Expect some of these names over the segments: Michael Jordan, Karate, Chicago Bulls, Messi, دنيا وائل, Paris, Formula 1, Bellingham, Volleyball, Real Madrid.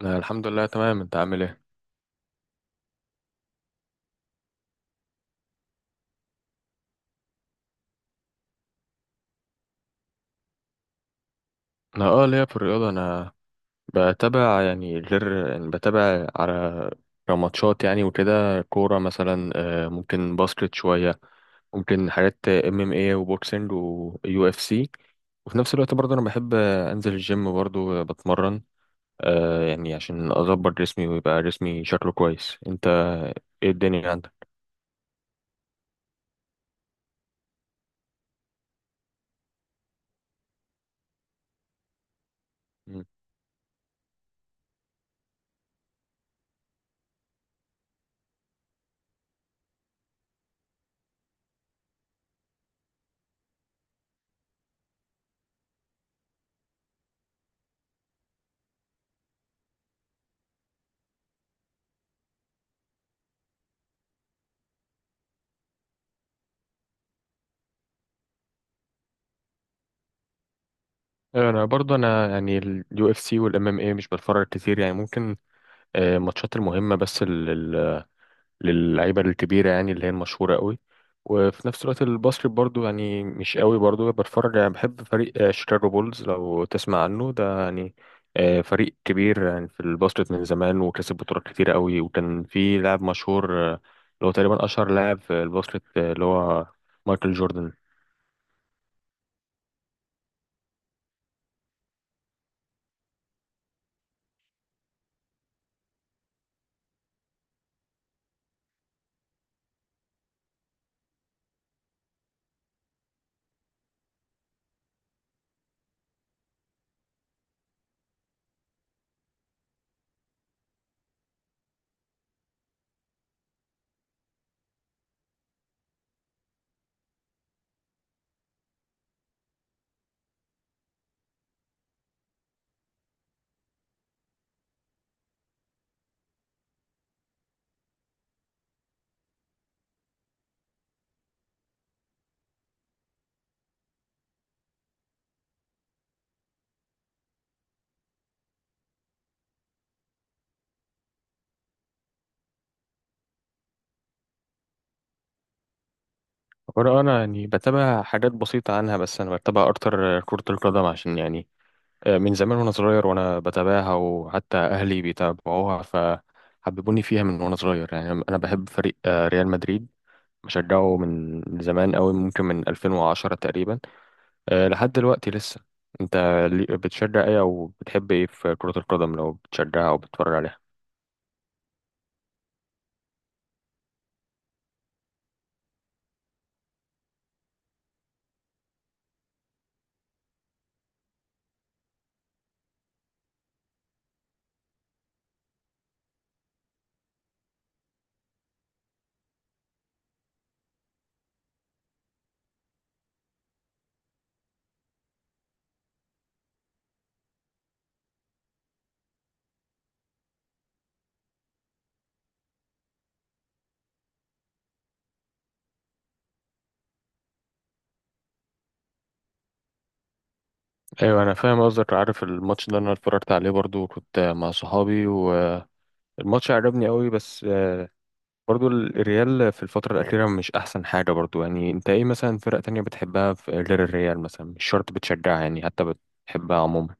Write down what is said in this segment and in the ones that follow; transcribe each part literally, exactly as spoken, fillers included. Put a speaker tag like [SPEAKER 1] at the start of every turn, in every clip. [SPEAKER 1] أنا الحمد لله تمام، انت عامل ايه؟ انا اه ليا في الرياضه، انا بتابع يعني، غير يعني بتابع على ماتشات يعني وكده، كوره مثلا، آه، ممكن باسكت شويه، ممكن حاجات ام ام اي وبوكسنج ويو اف سي. وفي نفس الوقت برضه انا بحب انزل الجيم برضه، آه، بتمرن، آه، يعني عشان اظبط جسمي ويبقى جسمي شكله كويس. انت ايه الدنيا عندك؟ مم. انا برضه، انا يعني اليو اف سي والام ام اي مش بتفرج كتير يعني، ممكن آه، الماتشات المهمة بس، لل- لل- للعيبة الكبيرة يعني، اللي هي المشهورة قوي. وفي نفس الوقت الباسكت برضو يعني مش قوي برضو بتفرج يعني، بحب فريق آه، شيكاغو بولز، لو تسمع عنه ده يعني، آه، فريق كبير يعني في الباسكت من زمان، وكسب بطولات كتيرة قوي، وكان في لاعب مشهور آه، اللي هو تقريبا أشهر لاعب في الباسكت، آه، اللي هو مايكل جوردن. وأنا أنا يعني بتابع حاجات بسيطة عنها، بس أنا بتابع أكتر آه، كرة القدم، عشان يعني من زمان وانا صغير وانا بتابعها، وحتى اهلي بيتابعوها فحببوني فيها من وانا صغير يعني. انا بحب فريق آه، ريال مدريد، بشجعه من زمان قوي، ممكن من ألفين وعشرة تقريبا آه، لحد دلوقتي لسه. انت لي- بتشجع ايه او بتحب ايه في كرة القدم، لو بتشجعها او بتتفرج عليها؟ ايوه، انا فاهم قصدك، عارف الماتش ده، انا اتفرجت عليه برضو، كنت مع صحابي، والماتش عجبني قوي. بس برضو ال- الريال في الفترة الأخيرة مش أحسن حاجة برضو يعني. أنت إيه مثلا، فرق تانية بتحبها، في- غير الريال مثلا، مش شرط بتشجعها يعني، حتى بتحبها عموما؟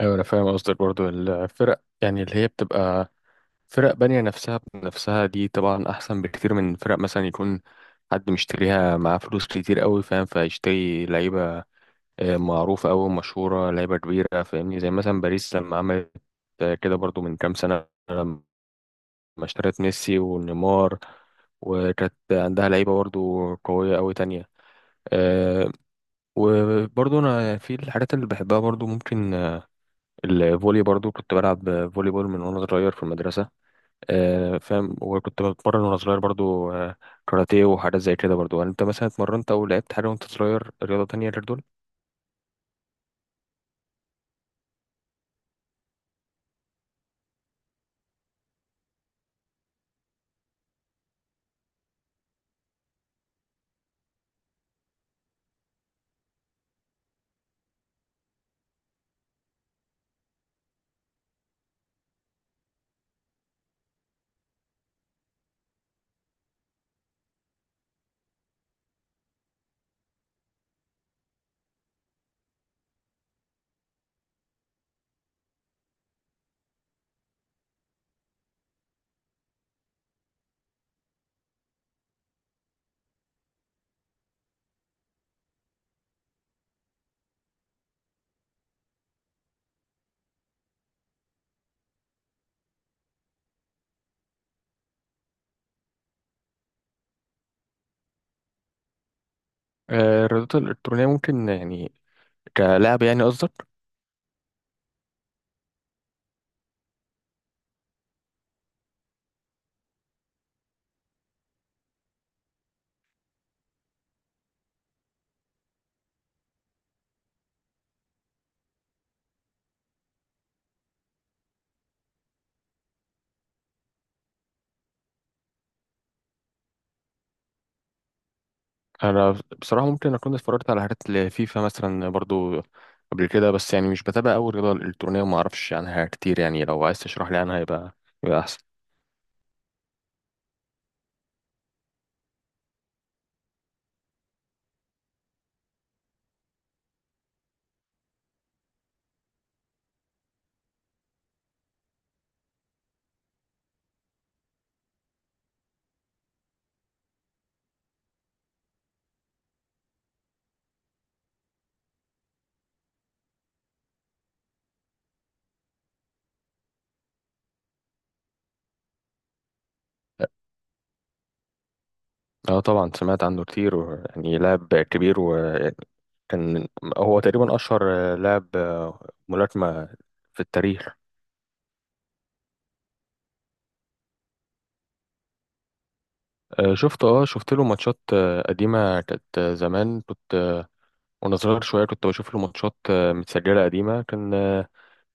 [SPEAKER 1] أيوة، أنا فاهم قصدك، برضو الفرق يعني اللي هي بتبقى فرق بانية نفسها بنفسها، دي طبعا أحسن بكتير من فرق مثلا يكون حد مشتريها معاه فلوس كتير قوي فاهم، فيشتري لعيبة آه، معروفة أوي، مشهورة، لعيبة كبيرة فاهمني، زي مثلا باريس لما عملت آه، كده برضو من كام سنة، لما اشترت ميسي ونيمار، وكانت عندها لعيبة برضو قوية أوي تانية. أه، وبرضو أنا في الحاجات اللي بحبها برضو، ممكن آه، الفولي، برضو كنت بلعب فولي بول من وأنا صغير في المدرسة. أه فاهم، وكنت بتمرن وأنا صغير برضو، آه، كاراتيه وحاجات زي كده برضو يعني. أنت مثلا اتمرنت أو لعبت حاجة وأنت صغير، رياضة تانية غير دول؟ آه، الرياضات الإلكترونية ممكن يعني، كلعب يعني قصدك؟ انا بصراحه ممكن اكون اتفرجت على حاجات لفيفا مثلا برضو قبل كده، بس يعني مش بتابع أوي الرياضه الالكترونيه، وما اعرفش عنها كتير يعني. لو عايز تشرح لي عنها، يبقى يبقى احسن. اه طبعا، سمعت عنه كتير، ويعني لاعب كبير، وكان هو تقريبا اشهر لاعب آه، ملاكمه في التاريخ. آه، شفت، اه شفت له ماتشات آه، قديمة، كانت آه، زمان، كنت آه، وانا صغير شوية كنت بشوف له ماتشات آه، متسجلة قديمة، كان آه،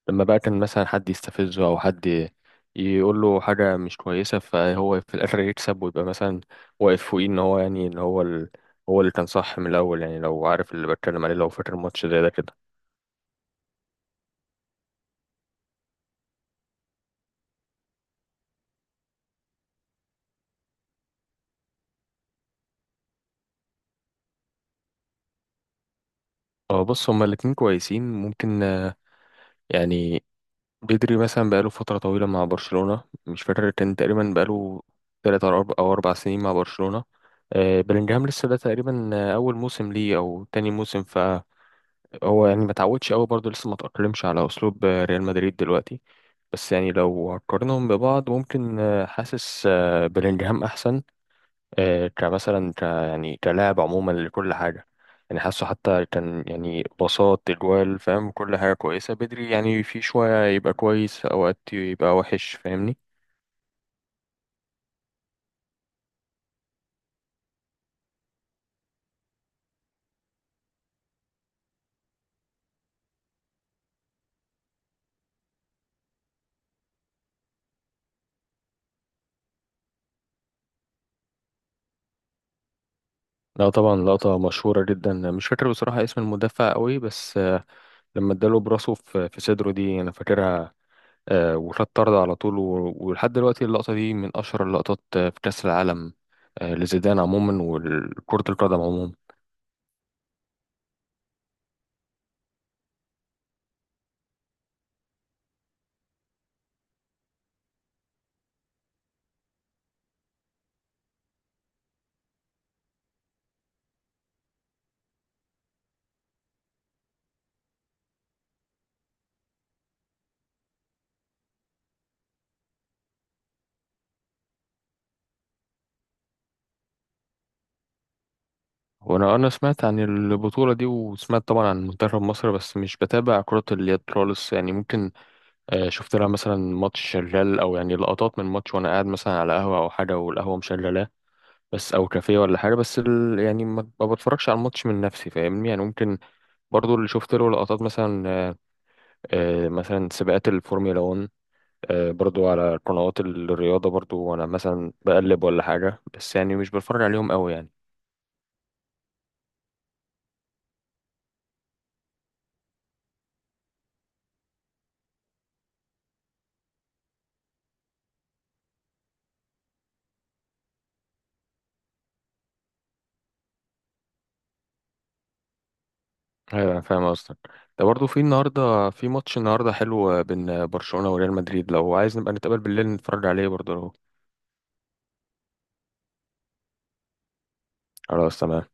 [SPEAKER 1] لما بقى كان مثلا حد يستفزه او حد يقول له حاجه مش كويسه، فهو في الاخر يكسب، ويبقى مثلا واقف فوقيه، ان هو يعني ان هو ال... هو اللي كان صح من الاول يعني. لو عارف اللي بتكلم عليه، لو فاكر ماتش زي ده كده؟ اه بص، هما الاتنين كويسين، ممكن آه، يعني بدري مثلا بقاله فتره طويله مع برشلونه، مش فاكر، كان تقريبا بقاله تلات أو أربع أو أربع سنين مع برشلونة. آه، بلينجهام لسه، ده تقريبا آه، أول موسم ليه أو تاني موسم، هو يعني ما تعودش قوي برضه، لسه ما تأقلمش على أسلوب آه، ريال مدريد دلوقتي. بس يعني لو هقارنهم ببعض، ممكن آه، حاسس آه، بلينجهام أحسن، آه، كمثلا ك يعني كلاعب عموما لكل حاجة يعني، حاسه حتى كان يعني باصات، اجوال، فاهم كل حاجة كويسة. بدري يعني في شوية يبقى كويس، أوقات يبقى وحش فاهمني. لا طبعا، لقطة مشهورة جدا، مش فاكر بصراحة اسم المدافع قوي، بس آه، لما اداله براسه في في صدره دي أنا فاكرها، آه، وخد طرد على طول. و- ولحد دلوقتي اللقطة دي من أشهر اللقطات آه، في كأس العالم، آه، لزيدان عموما وكرة القدم عموما. وأنا أنا سمعت عن البطولة دي، وسمعت طبعا عن منتخب مصر، بس مش بتابع كرة اليد خالص يعني. ممكن آه، شفت لها مثلا ماتش شغال، أو يعني لقطات من ماتش وأنا قاعد مثلا على قهوة أو حاجة والقهوة مشغلاه بس، أو كافيه ولا حاجة، بس ال... يعني ما ما بتفرجش على الماتش من نفسي فاهمني يعني. ممكن برضو اللي شفت له لقطات مثلا، آه، آه، مثلا سباقات الفورمولا واحد، آه، برضو على قنوات الرياضة برضو، وأنا مثلا بقلب ولا حاجة، بس يعني مش بتفرج عليهم قوي يعني. أيوة أنا فاهم قصدك. ده برضو في النهاردة، في ماتش النهاردة حلو بين برشلونة وريال مدريد، لو عايز نبقى نتقابل بالليل نتفرج عليه برضو لو... خلاص تمام.